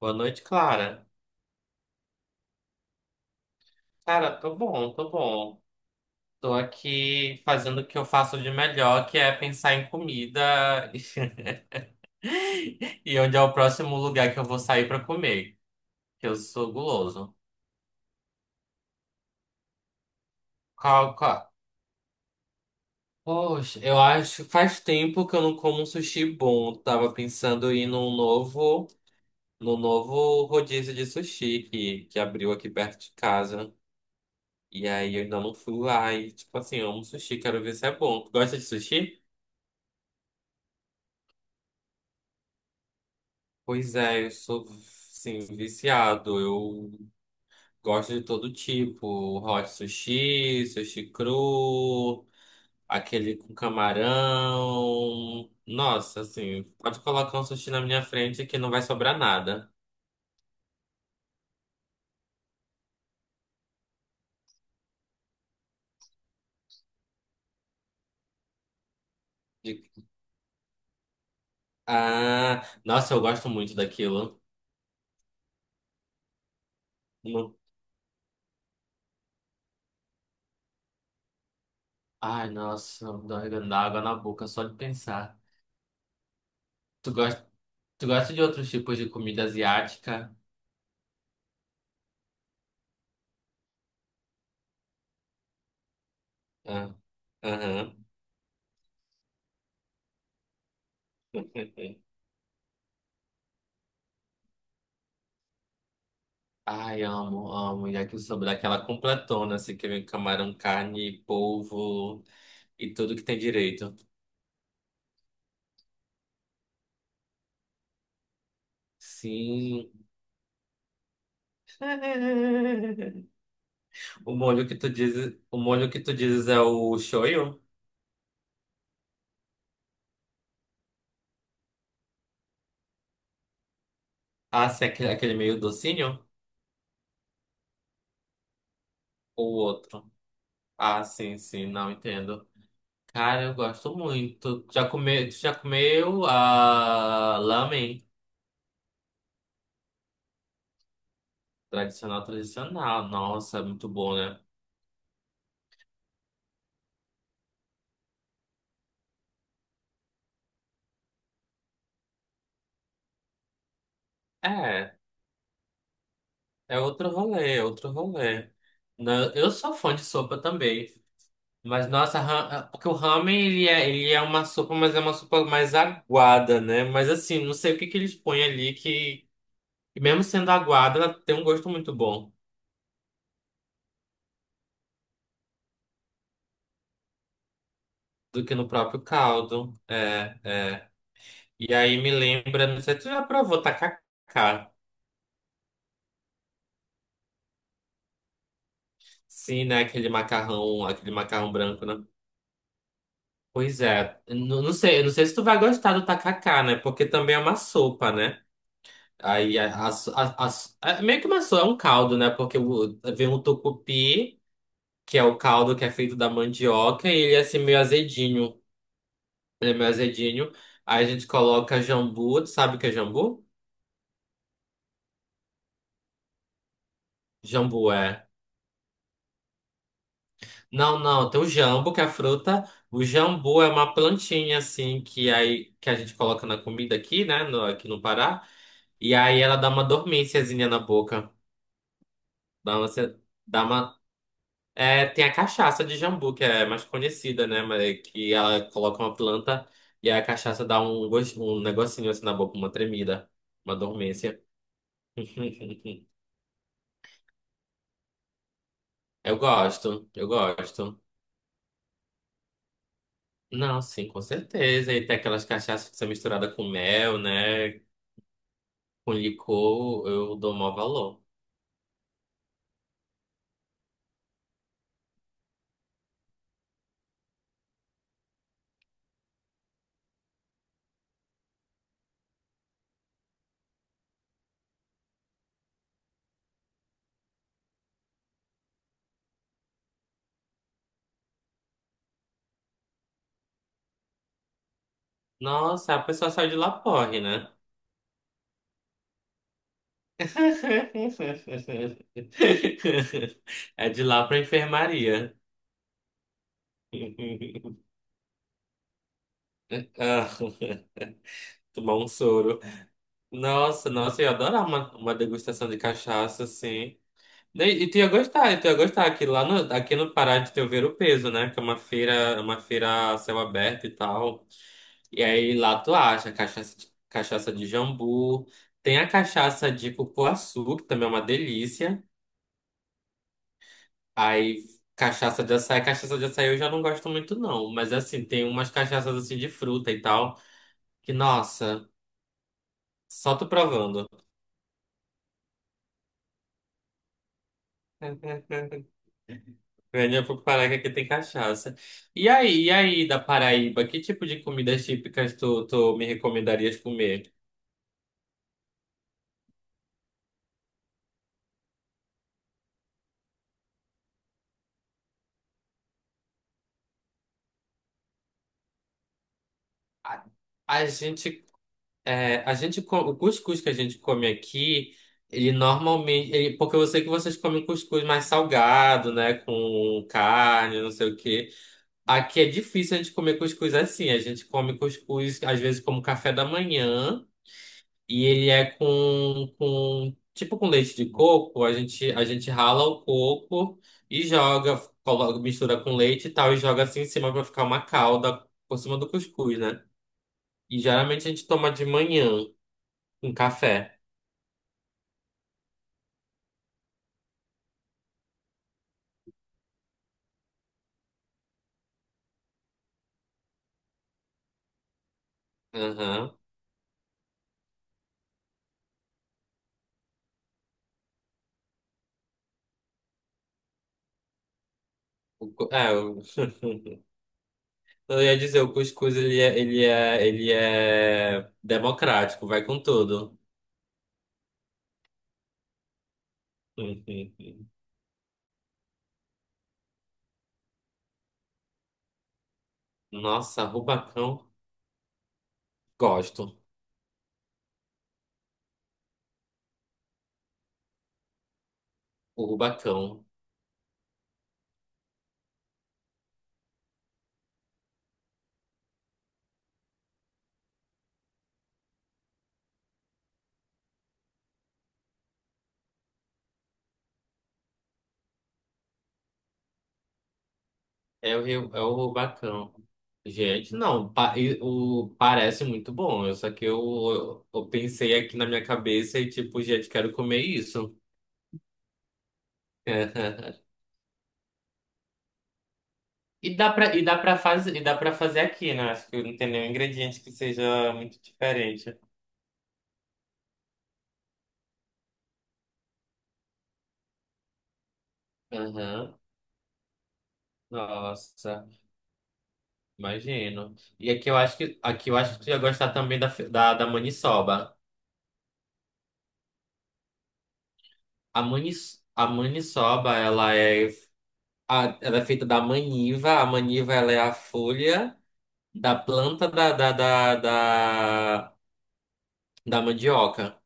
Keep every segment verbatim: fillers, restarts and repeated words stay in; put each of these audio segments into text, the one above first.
Boa noite, Clara. Cara, tô bom, tô bom. Tô aqui fazendo o que eu faço de melhor, que é pensar em comida e onde é o próximo lugar que eu vou sair pra comer, que eu sou guloso. Qual, qual? Poxa, eu acho faz tempo que eu não como um sushi bom. Tava pensando em ir num novo, num novo rodízio de sushi que, que abriu aqui perto de casa. E aí eu ainda não fui lá. E, tipo assim, eu amo sushi, quero ver se é bom. Tu gosta de sushi? Pois é, eu sou, sim, viciado. Eu gosto de todo tipo. Hot sushi, sushi cru, aquele com camarão. Nossa, assim, pode colocar um sushi na minha frente que não vai sobrar nada. De- Ah, nossa, eu gosto muito daquilo. Não- Ai, nossa, dá dá água na boca só de pensar. Tu gosta, tu gosta de outros tipos de comida asiática? Ah, aham. Ai, amo, amo. Yakisoba, daquela completona, assim, que vem camarão, carne, polvo e tudo que tem direito. Sim. O molho que tu dizes, o molho que tu dizes é o shoyu? Ah, sim, aquele, aquele meio docinho? Ou outro? Ah, sim, sim, não entendo. Cara, eu gosto muito. Já comeu, já comeu a lamen? Tradicional, tradicional. Nossa, é muito bom, né? É. É outro rolê, é outro rolê. Na- Eu sou fã de sopa também. Mas, nossa, ra- porque o ramen, ele é, ele é uma sopa, mas é uma sopa mais aguada, né? Mas, assim, não sei o que que eles põem ali que, que mesmo sendo aguada, ela tem um gosto muito bom do que no próprio caldo. É, é. E aí me lembra, não sei, se tu já provou tacacá? Sim, né? Aquele macarrão, aquele macarrão branco, né? Pois é. Não, não sei, não sei se tu vai gostar do tacacá, né? Porque também é uma sopa, né? Aí a, as a, a- é meio que uma só é um caldo, né? Porque o- vem um tucupi, que é o caldo que é feito da mandioca, e ele é assim meio azedinho. Ele é meio azedinho. Aí a gente coloca jambu, tu sabe o que é jambu? Jambu é. Não, não, tem o jambo, que é a fruta. O jambu é uma plantinha, assim, que aí que a gente coloca na comida aqui, né? No, aqui no Pará. E aí ela dá uma dormênciazinha na boca. Dá uma, dá uma, É, tem a cachaça de jambu, que é mais conhecida, né? Mas que ela coloca uma planta e a cachaça dá um, gosto, um negocinho assim na boca, uma tremida, uma dormência. Eu gosto, eu gosto. Não, sim, com certeza. E tem aquelas cachaças que são misturadas com mel, né? Com licor, eu dou maior valor. Nossa, a pessoa saiu de lá porre, né? É de lá pra enfermaria. Ah, tomar um soro. Nossa, nossa, eu ia adorar uma, uma degustação de cachaça, assim. E, e tu ia gostar, e tu ia gostar. Aqui, lá no, aqui no Pará de teu ver o peso, né? Que é uma feira, é uma feira a céu aberto e tal. E aí lá tu acha cachaça, de- cachaça de jambu. Tem a cachaça de cupuaçu, que também é uma delícia. Aí cachaça de açaí. Cachaça de açaí eu já não gosto muito, não. Mas assim, tem umas cachaças assim de fruta e tal. Que, nossa, só tu provando. Velho, eu vou parar que aqui tem cachaça. E aí, e aí, da Paraíba, que tipo de comidas típicas tu, tu me recomendarias comer? A, a gente, é, a gente, co- o cuscuz que a gente come aqui, ele normalmente, ele- porque eu sei que vocês comem cuscuz mais salgado, né, com carne, não sei o quê. Aqui é difícil a gente comer cuscuz assim, a gente come cuscuz às vezes como café da manhã. E ele é com, com tipo com leite de coco, a gente a gente rala o coco e joga, coloca, mistura com leite e tal e joga assim em cima pra ficar uma calda por cima do cuscuz, né? E geralmente a gente toma de manhã com café. Aham. O cu- É, o- eu ia dizer, o cuscuz ele é, ele é, ele é democrático, vai com tudo. Uhum. Nossa, rubacão, gosto. O rubacão. É o Rio, é o Rubacão. Gente, não, pa- e- o, parece muito bom. Só que eu, eu pensei aqui na minha cabeça e tipo, gente, quero comer isso. E dá pra, e dá pra fazer, e dá pra fazer aqui, né? Acho que não tem nenhum ingrediente que seja muito diferente. Aham. Nossa, imagino. E aqui eu acho que aqui eu acho que tu ia gostar também da, fe- da, da maniçoba. A manis, a maniçoba, ela é A- ela é feita da maniva. A maniva ela é a folha da planta da, da, da, da, da mandioca.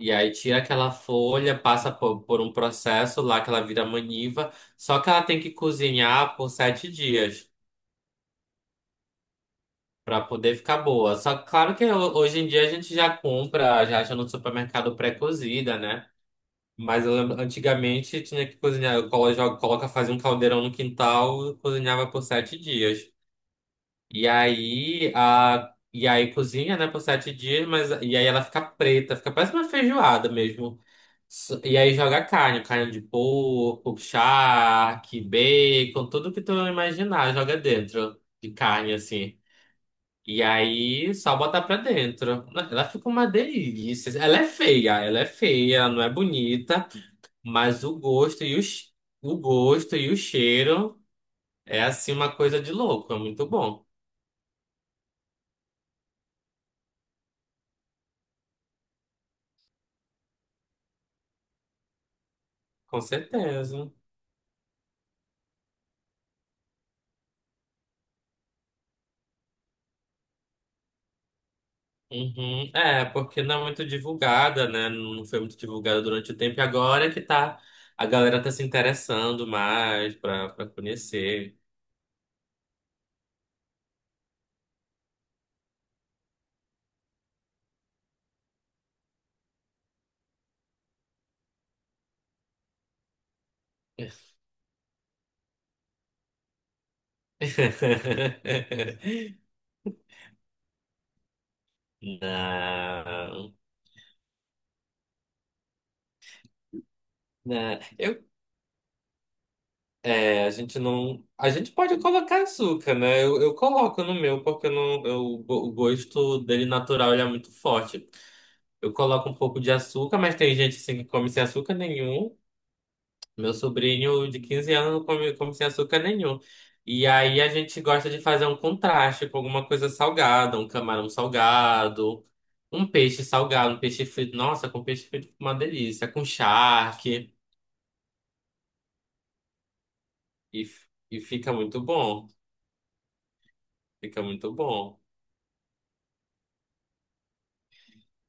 E aí tira aquela folha, passa por, por um processo lá que ela vira maniva. Só que ela tem que cozinhar por sete dias para poder ficar boa. Só que claro que ho- hoje em dia a gente já compra, já acha no supermercado pré-cozida, né? Mas eu lembro, antigamente tinha que cozinhar. Eu colo- jogo- Coloca, fazia um caldeirão no quintal, cozinhava por sete dias. E aí a e aí cozinha, né, por sete dias, mas e aí ela fica preta, fica parece uma feijoada mesmo. S- E aí joga carne, carne de porco, charque, bacon, tudo que tu imaginar, joga dentro de carne assim. E aí só botar pra dentro. Ela fica uma delícia. Ela é feia, ela é feia, ela não é bonita, mas o gosto e o, che- o gosto e o cheiro é assim uma coisa de louco, é muito bom, com certeza. Uhum. É, porque não é muito divulgada, né? Não foi muito divulgada durante o tempo. E agora é que tá. A galera tá se interessando mais pra, pra conhecer. Não, não. Eu, é, a gente não. A gente pode colocar açúcar, né? Eu, eu coloco no meu, porque eu não, eu, o gosto dele natural ele é muito forte. Eu coloco um pouco de açúcar, mas tem gente assim que come sem açúcar nenhum. Meu sobrinho de quinze anos não come, come sem açúcar nenhum. E aí a gente gosta de fazer um contraste com alguma coisa salgada, um camarão salgado, um peixe salgado, um peixe frito. Nossa, com peixe frito fica uma delícia, com charque. E, f- e fica muito bom. Fica muito bom.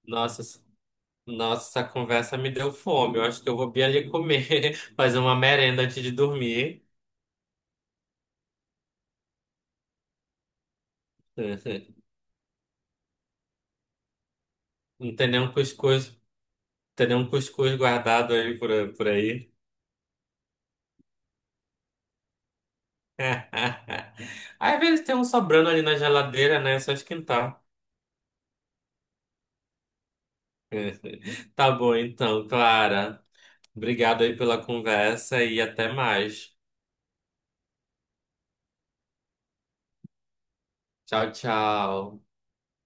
Nossa, s- nossa, essa conversa me deu fome. Eu acho que eu vou bem ali comer, fazer uma merenda antes de dormir. Não tem nenhum cuscuz, tem nenhum cuscuz guardado aí por, por aí. Às vezes tem um sobrando ali na geladeira, né? É só esquentar. Tá bom, então, Clara. Obrigado aí pela conversa e até mais. Tchau, tchau.